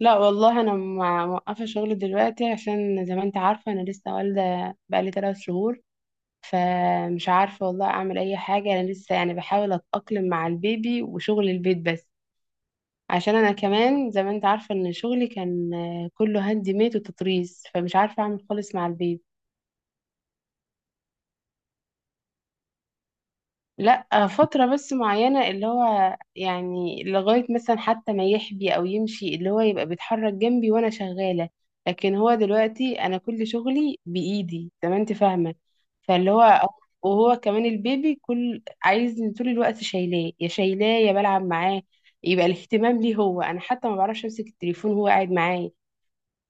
لا والله انا موقفه شغل دلوقتي، عشان زي ما انت عارفه انا لسه والده بقالي 3 شهور. فمش عارفه والله اعمل اي حاجه، انا لسه يعني بحاول اتاقلم مع البيبي وشغل البيت بس. عشان انا كمان زي ما انت عارفه ان شغلي كان كله هاند ميد وتطريز، فمش عارفه اعمل خالص مع البيبي. لا فترة بس معينة، اللي هو يعني لغاية مثلا حتى ما يحبي أو يمشي، اللي هو يبقى بيتحرك جنبي وأنا شغالة. لكن هو دلوقتي أنا كل شغلي بإيدي زي ما أنت فاهمة. فاللي هو، وهو كمان البيبي كل عايز طول الوقت، شايلاه يا شايلاه يا بلعب معاه، يبقى الاهتمام ليه هو. أنا حتى ما بعرفش أمسك التليفون وهو قاعد معايا.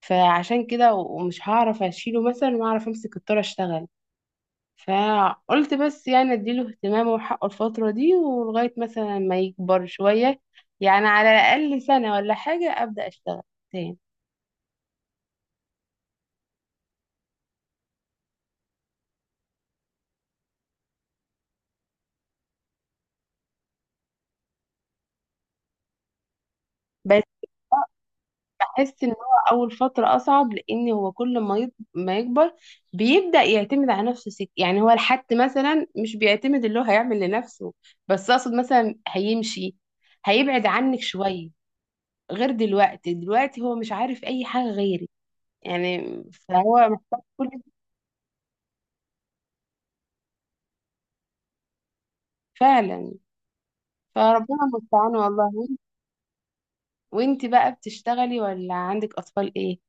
فعشان كده ومش هعرف أشيله مثلا وأعرف أمسك الطارة أشتغل. فقلت بس يعني اديله اهتمام وحقه الفترة دي، ولغاية مثلا ما يكبر شوية، يعني على الأقل سنة ولا حاجة أبدأ أشتغل تاني. بس أحس إن هو أول فترة أصعب، لأن هو كل ما ما يكبر بيبدأ يعتمد على نفسه، يعني هو الحد مثلا مش بيعتمد، اللي هو هيعمل لنفسه، بس أقصد مثلا هيمشي، هيبعد عنك شوية. غير دلوقتي، دلوقتي هو مش عارف أي حاجة غيرك يعني. فهو محتاج كل، فعلا. فربنا المستعان والله. وانتي بقى بتشتغلي ولا عندك اطفال ايه؟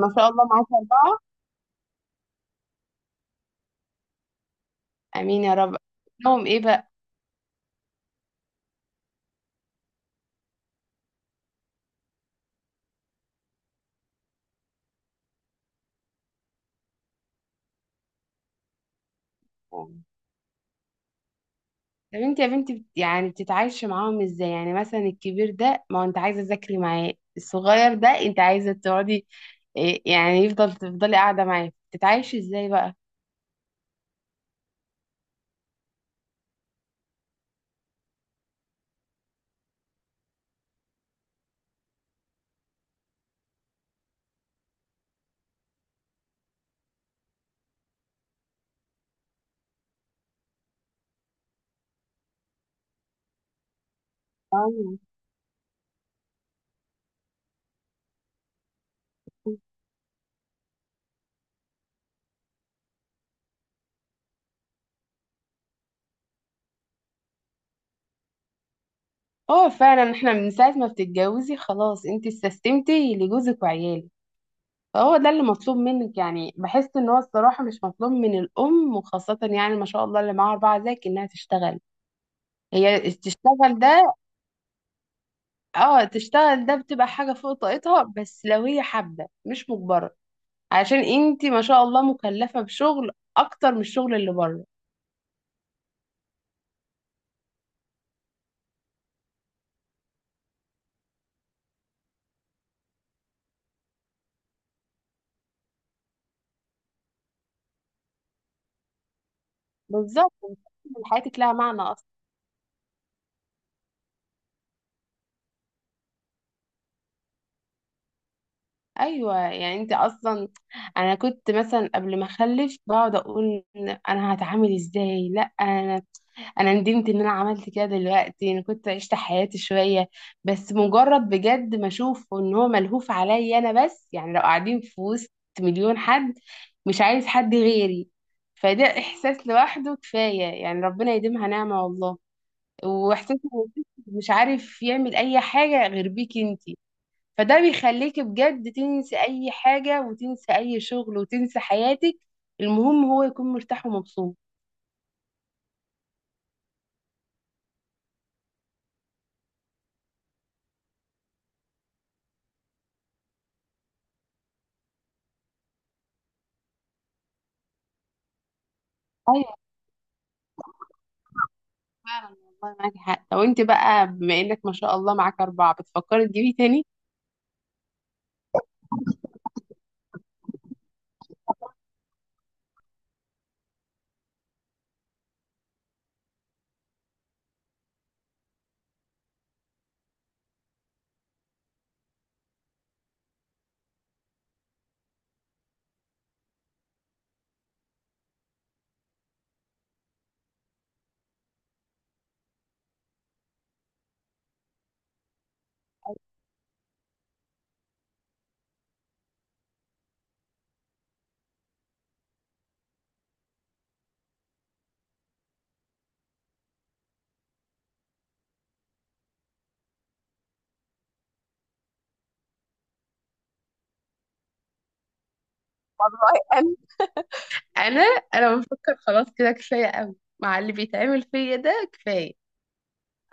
ما شاء الله معاكي اربعه. امين يا رب. لهم ايه بقى؟ طب انت يا بنتي يعني بتتعايشي معاهم ازاي؟ يعني مثلا الكبير ده ما هو انت عايزه تذاكري معاه، الصغير ده انت عايزه تقعدي إيه، يعني تفضلي قاعده معاه، بتتعايشي ازاي بقى؟ أيوة. اه فعلا، احنا من ساعه ما بتتجوزي خلاص انت استسلمتي لجوزك وعيالك. هو ده اللي مطلوب منك، يعني بحس ان هو الصراحه مش مطلوب من الام، وخاصه يعني ما شاء الله اللي معاها اربعه زيك انها تشتغل. هي تشتغل ده، اه، تشتغل ده بتبقى حاجه فوق طاقتها، بس لو هي حابه مش مجبره. عشان انتي ما شاء الله مكلفه بشغل اكتر من الشغل اللي بره. بالظبط. حياتك لها معنى اصلا. ايوه، يعني انت اصلا، انا كنت مثلا قبل ما اخلف بقعد اقول انا هتعامل ازاي. لا انا ندمت ان انا عملت كده، دلوقتي انا كنت عشت حياتي شويه بس. مجرد بجد ما اشوف ان هو ملهوف عليا انا بس، يعني لو قاعدين في وسط مليون حد مش عايز حد غيري، فده احساس لوحده كفايه، يعني ربنا يديمها نعمه والله. واحساس إن مش عارف يعمل اي حاجه غير بيك انتي، فده بيخليك بجد تنسي اي حاجه، وتنسي اي شغل، وتنسي حياتك. المهم هو يكون مرتاح ومبسوط. فعلا. والله معاكي حق، لو انت بقى بما انك ما شاء الله معاك اربعه بتفكري تجيبي تاني؟ والله انا، انا انا بفكر خلاص كده كفايه قوي، مع اللي بيتعمل فيا ده كفايه.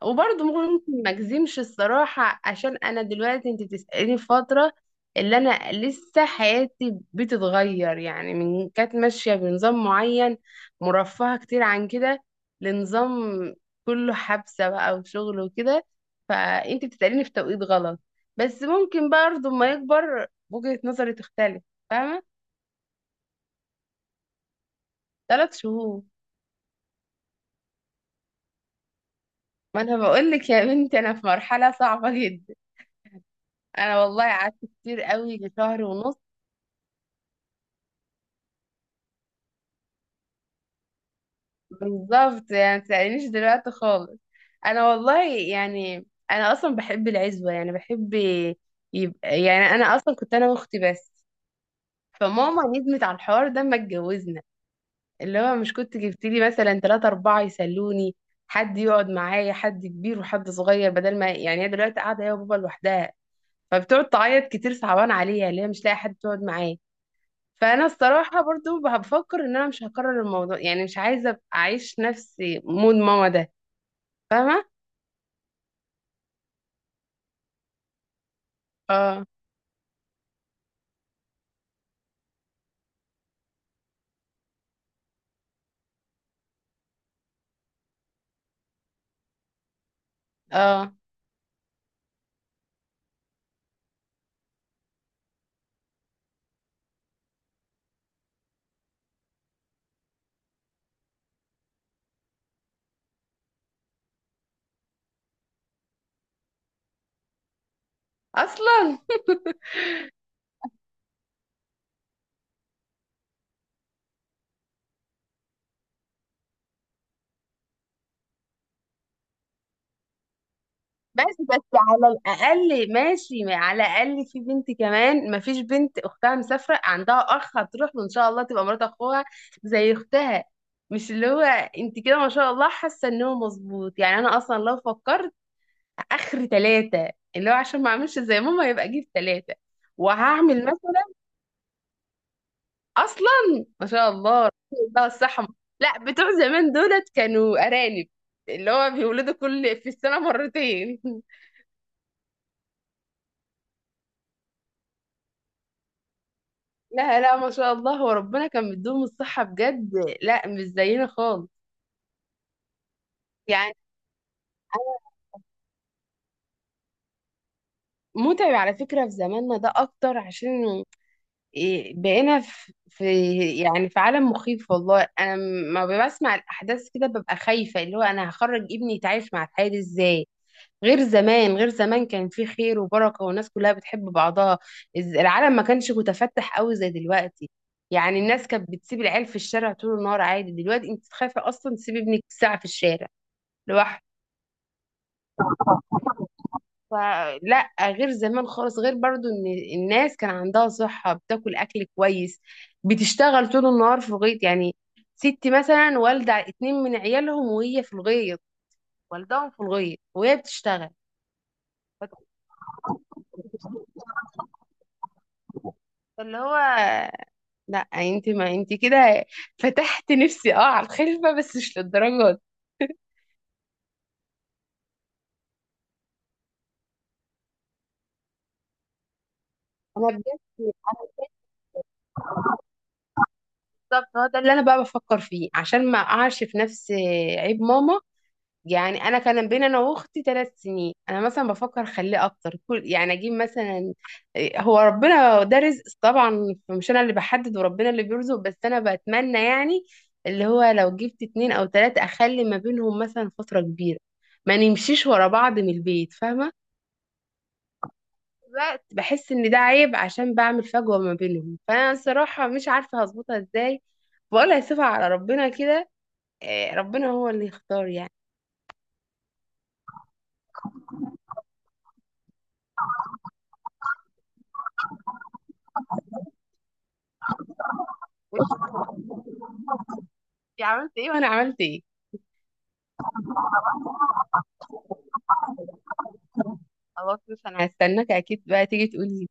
وبرضه ممكن ما اجزمش الصراحة، عشان انا دلوقتي انت بتسأليني في فترة اللي انا لسه حياتي بتتغير، يعني من كانت ماشية بنظام معين مرفهة كتير عن كده لنظام كله حبسة بقى وشغل وكده. فانت بتسأليني في توقيت غلط. بس ممكن برضه ما يكبر وجهة نظري تختلف، فاهمة؟ 3 شهور. ما انا بقول لك يا بنتي انا في مرحلة صعبة جدا. انا والله قعدت كتير قوي شهر ونص. بالظبط، يعني متسألنيش دلوقتي خالص. انا والله يعني انا اصلا بحب العزوه، يعني بحب يبقى، يعني انا اصلا كنت انا واختي بس. فماما ندمت على الحوار ده، ما اتجوزنا اللي هو مش كنت جبت لي مثلا ثلاثة أربعة يسلوني، حد يقعد معايا، حد كبير وحد صغير، بدل ما يعني هي دلوقتي قاعدة هي وبابا لوحدها، فبتقعد تعيط كتير، صعبان عليها اللي هي مش لاقي حد تقعد معاه. فانا الصراحه برضو بفكر ان انا مش هكرر الموضوع، يعني مش عايزه ابقى اعيش نفس مود ماما ده، فاهمة؟ اه اه، اصلا. بس على الاقل ماشي، على الاقل في بنت كمان، ما فيش بنت اختها مسافرة عندها اخ هتروح له، ان شاء الله تبقى مرات اخوها زي اختها. مش اللي هو، انت كده ما شاء الله حاسة ان هو مظبوط يعني. انا اصلا لو فكرت اخر ثلاثة، اللي هو عشان ما اعملش زي ماما يبقى اجيب ثلاثة. وهعمل مثلا، اصلا ما شاء الله، بقى الصحة. لا، بتوع زمان دولت كانوا أرانب، اللي هو بيولدوا كل في السنة مرتين. لا لا، ما شاء الله، هو ربنا كان مديهم الصحة بجد. لا مش زينا خالص. يعني أنا متعب على فكرة في زماننا ده أكتر، عشان إيه، بقينا في يعني في عالم مخيف والله. أنا ما بسمع الأحداث كده ببقى خايفة اللي هو أنا هخرج ابني يتعايش مع الحياة دي إزاي. غير زمان كان في خير وبركة والناس كلها بتحب بعضها. العالم ما كانش متفتح قوي زي دلوقتي. يعني الناس كانت بتسيب العيال في الشارع طول النهار عادي، دلوقتي انت تخافي اصلا تسيبي ابنك ساعة في الشارع لوحده. فلا غير زمان خالص، غير برضو ان الناس كان عندها صحة، بتاكل اكل كويس، بتشتغل طول النهار في الغيط. يعني ست مثلا والدة اتنين من عيالهم وهي في الغيط، والدهم في الغيط وهي بتشتغل. فاللي هو لا، انت ما انت كده فتحت نفسي على الخلفه، بس مش للدرجه دي. انا بجد بالظبط، هو ده اللي انا بقى بفكر فيه، عشان ما اقعش في نفس عيب ماما. يعني انا كان بين انا واختي 3 سنين، انا مثلا بفكر اخليه اكتر، كل يعني اجيب مثلا إيه، هو ربنا ده رزق طبعا مش انا اللي بحدد، وربنا اللي بيرزق، بس انا بتمنى يعني اللي هو لو جبت اتنين او تلاتة اخلي ما بينهم مثلا فتره كبيره، ما نمشيش ورا بعض من البيت، فاهمه؟ الوقت بحس ان ده عيب، عشان بعمل فجوة ما بينهم، فانا الصراحة مش عارفة هظبطها ازاي. بقولها سيبها على ربنا كده ربنا هو اللي يختار يعني. انت عملت ايه وانا عملت ايه؟ خلاص بس انا هستناك اكيد بقى تيجي تقولي.